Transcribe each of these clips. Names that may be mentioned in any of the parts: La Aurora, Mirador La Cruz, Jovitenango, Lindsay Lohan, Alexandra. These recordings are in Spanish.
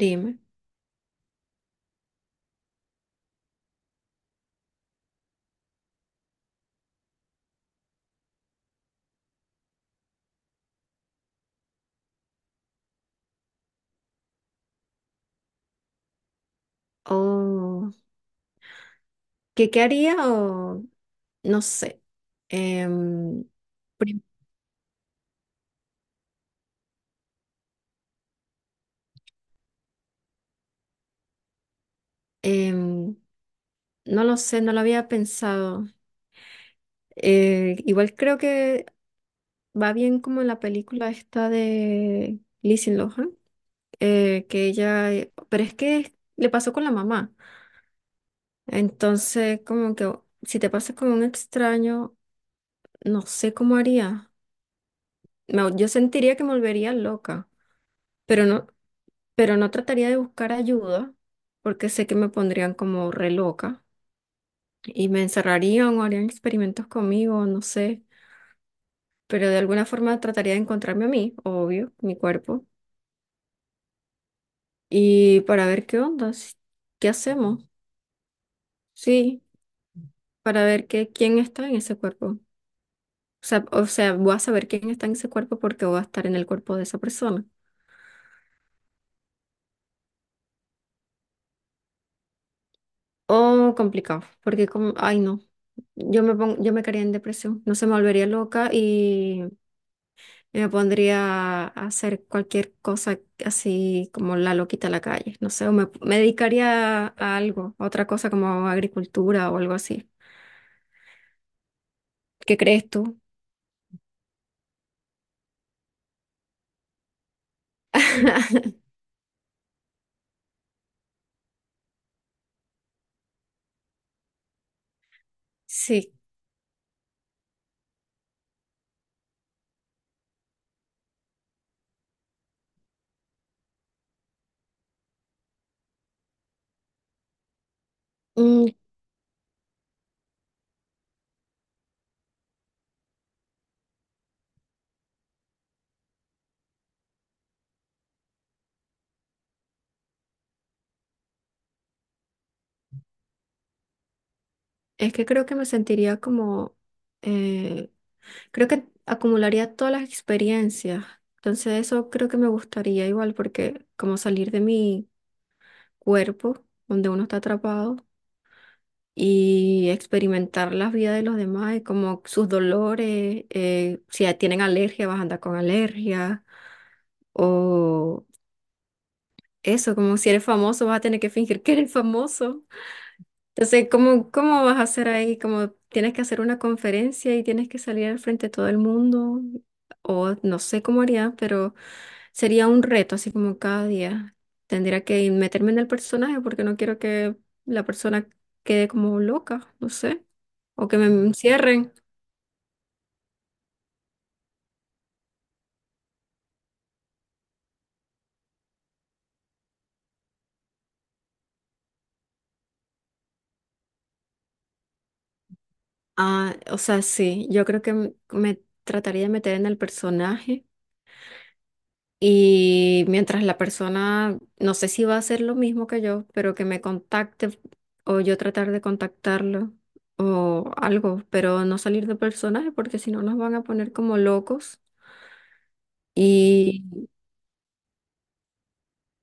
Dime. O ¿qué, qué haría? O no sé. Em, prim- em, no lo sé, no lo había pensado. Igual creo que va bien como en la película esta de Lindsay Lohan, que ella, pero es que le pasó con la mamá. Entonces, como que si te pasa con un extraño, no sé cómo haría. Yo sentiría que me volvería loca, pero no, pero no trataría de buscar ayuda porque sé que me pondrían como re loca y me encerrarían o harían experimentos conmigo, no sé, pero de alguna forma trataría de encontrarme a mí, obvio, mi cuerpo, y para ver qué onda, qué hacemos, sí, para ver qué, quién está en ese cuerpo. O sea, voy a saber quién está en ese cuerpo porque voy a estar en el cuerpo de esa persona. Oh, complicado, porque como, ay no, yo me caería en depresión, no se me volvería loca. Yo me pondría a hacer cualquier cosa así como la loquita a la calle, no sé, me dedicaría a algo, a otra cosa como agricultura o algo así. ¿Qué crees tú? Sí, mm, es que creo que me sentiría como, eh, creo que acumularía todas las experiencias, entonces eso creo que me gustaría igual porque como salir de mi cuerpo, donde uno está atrapado y experimentar la vida de los demás, y como sus dolores, si ya tienen alergia, vas a andar con alergia, o eso, como si eres famoso, vas a tener que fingir que eres famoso. Entonces, ¿cómo, cómo vas a hacer ahí? Como tienes que hacer una conferencia y tienes que salir al frente de todo el mundo, o no sé cómo haría, pero sería un reto, así como cada día. Tendría que meterme en el personaje porque no quiero que la persona quede como loca, no sé, o que me encierren. Ah, o sea, sí, yo creo que me trataría de meter en el personaje. Y mientras la persona, no sé si va a hacer lo mismo que yo, pero que me contacte o yo tratar de contactarlo o algo, pero no salir de personaje porque si no nos van a poner como locos. Y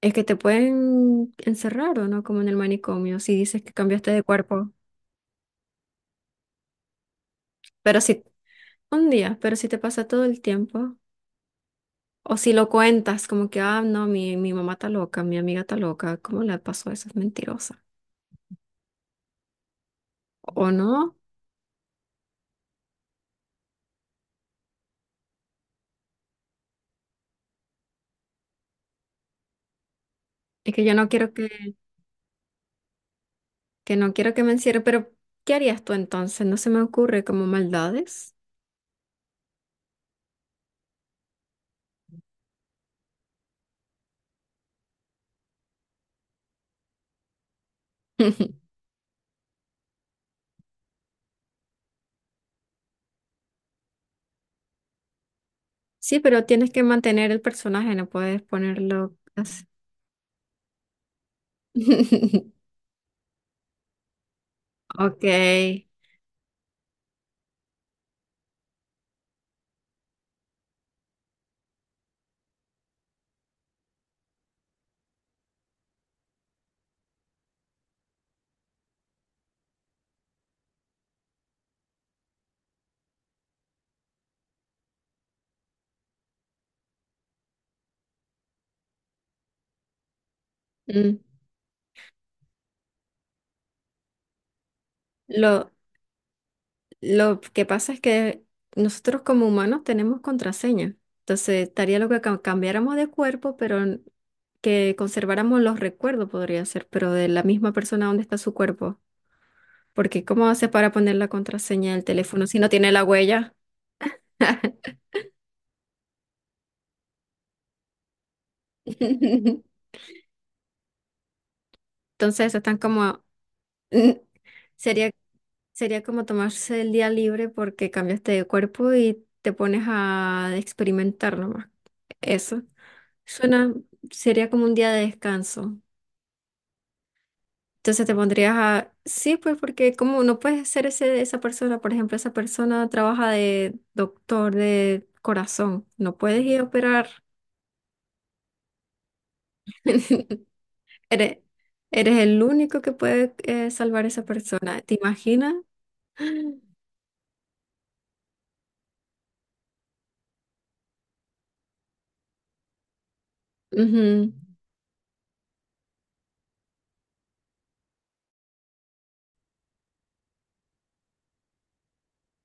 es que te pueden encerrar o no, como en el manicomio, si dices que cambiaste de cuerpo. Pero si un día, pero si te pasa todo el tiempo, o si lo cuentas como que, ah, no, mi mamá está loca, mi amiga está loca, ¿cómo le pasó eso? Es mentirosa. O no, es que yo no quiero que no quiero que me encierre, pero ¿qué harías tú entonces? No se me ocurre como maldades. Sí, pero tienes que mantener el personaje, no puedes ponerlo así. Ok. Mm. Lo, lo que pasa es que nosotros como humanos tenemos contraseña. Entonces, estaría lo que cambiáramos de cuerpo, pero que conserváramos los recuerdos podría ser, pero de la misma persona donde está su cuerpo. Porque ¿cómo haces para poner la contraseña del teléfono si no tiene la huella? Entonces están como, sería, sería como tomarse el día libre porque cambiaste de cuerpo y te pones a experimentar nomás. Eso. Suena, sería como un día de descanso. Entonces te pondrías a, sí, pues porque como no puedes ser ese, esa persona, por ejemplo, esa persona trabaja de doctor de corazón, no puedes ir a operar. Eres, eres el único que puede salvar a esa persona. ¿Te imaginas? Ujú.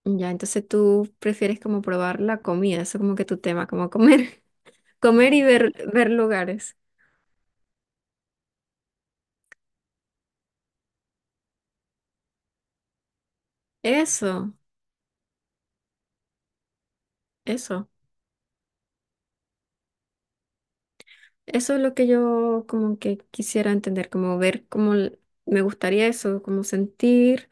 Ya, entonces tú prefieres como probar la comida, eso como que tu tema, como comer, comer y ver, ver lugares. Eso, eso. Eso es lo que yo como que quisiera entender, como ver cómo me gustaría eso, como sentir,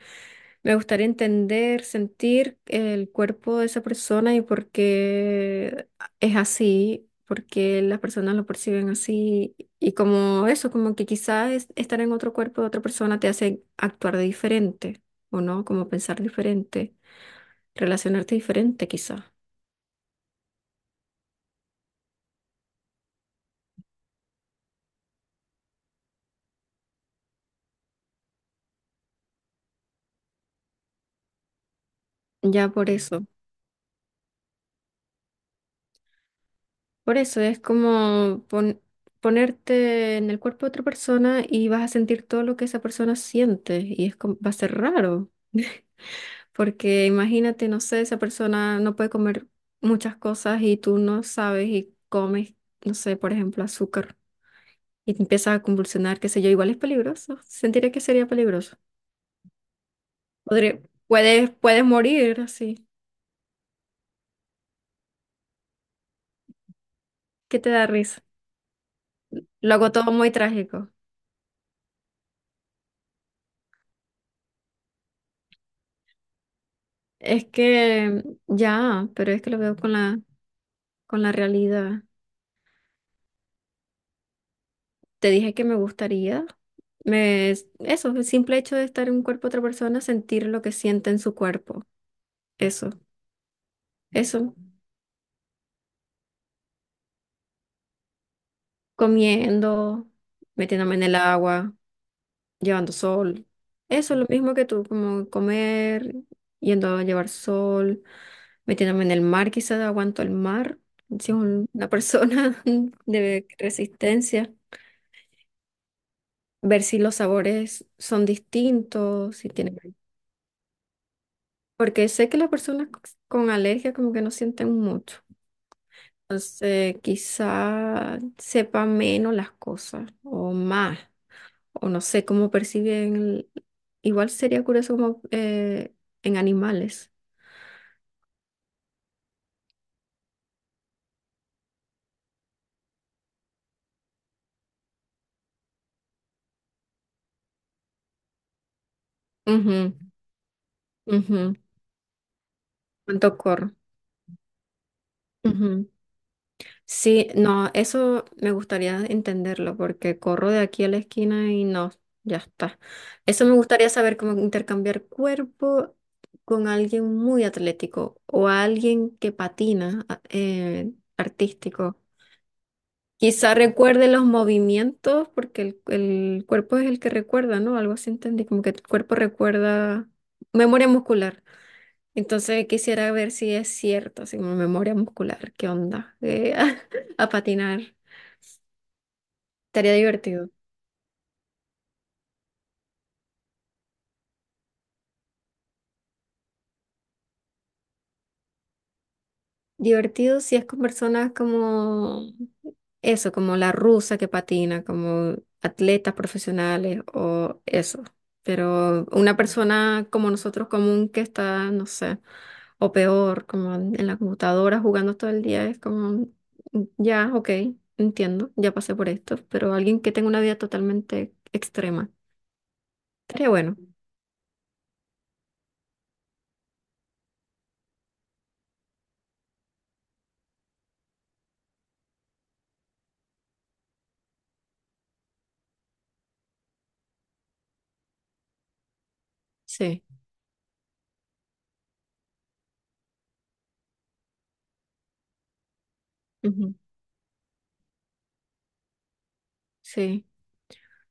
me gustaría entender, sentir el cuerpo de esa persona y por qué es así, por qué las personas lo perciben así y como eso, como que quizás estar en otro cuerpo de otra persona te hace actuar de diferente, ¿o no? Como pensar diferente, relacionarte diferente quizás. Ya por eso. Por eso es como ponerte en el cuerpo de otra persona y vas a sentir todo lo que esa persona siente y es va a ser raro, porque imagínate, no sé, esa persona no puede comer muchas cosas y tú no sabes y comes, no sé, por ejemplo, azúcar y te empiezas a convulsionar, qué sé yo, igual es peligroso, sentiré que sería peligroso. Podría- puedes, puedes morir así, ¿qué te da risa? Lo hago todo muy trágico. Es que ya, pero es que lo veo con la realidad. Te dije que me gustaría, me, eso, el simple hecho de estar en un cuerpo de otra persona, sentir lo que siente en su cuerpo. Eso, eso, comiendo, metiéndome en el agua, llevando sol. Eso, lo mismo que tú, como comer, yendo a llevar sol, metiéndome en el mar, quizás aguanto el mar, si es una persona de resistencia, ver si los sabores son distintos, si tienen. Porque sé que las personas con alergia como que no sienten mucho. Quizá sepan menos las cosas o más, o no sé cómo perciben. Igual sería curioso como en animales. Ujú, ujú. ¿Cuánto corro? Sí, no, eso me gustaría entenderlo porque corro de aquí a la esquina y no, ya está. Eso me gustaría saber cómo intercambiar cuerpo con alguien muy atlético o alguien que patina artístico. Quizá recuerde los movimientos porque el cuerpo es el que recuerda, ¿no? Algo así entendí, como que el cuerpo recuerda memoria muscular. Entonces quisiera ver si es cierto, así como memoria muscular, ¿qué onda? A patinar. Estaría divertido. Divertido si es con personas como eso, como la rusa que patina, como atletas profesionales o eso. Pero una persona como nosotros común que está, no sé, o peor, como en la computadora jugando todo el día, es como, ya, ok, entiendo, ya pasé por esto, pero alguien que tenga una vida totalmente extrema. Estaría bueno, sí, ujú, sí.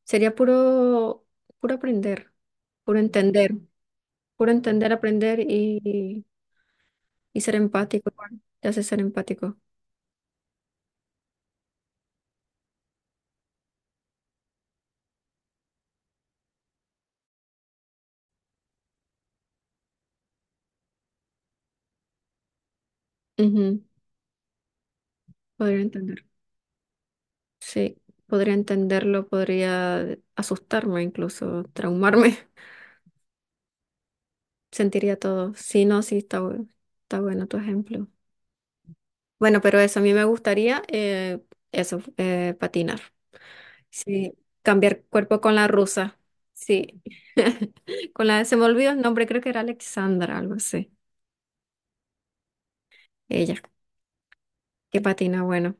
Sería puro, puro aprender, puro entender. Puro entender, aprender y ser empático. Bueno, te hace ser empático. Ujú, podría entender. Sí, podría entenderlo, podría asustarme incluso, traumarme. Sentiría todo. Sí, no, sí, está, está bueno tu ejemplo. Bueno, pero eso, a mí me gustaría eso, patinar. Sí, cambiar cuerpo con la rusa. Sí. Con la, se me olvidó el nombre, creo que era Alexandra, algo así. Ella, que patina, bueno.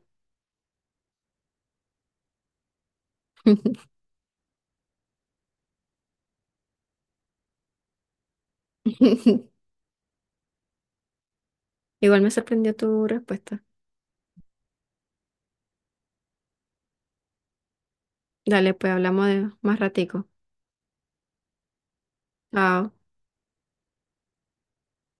Igual me sorprendió tu respuesta. Dale, pues hablamos de más ratico. Chao.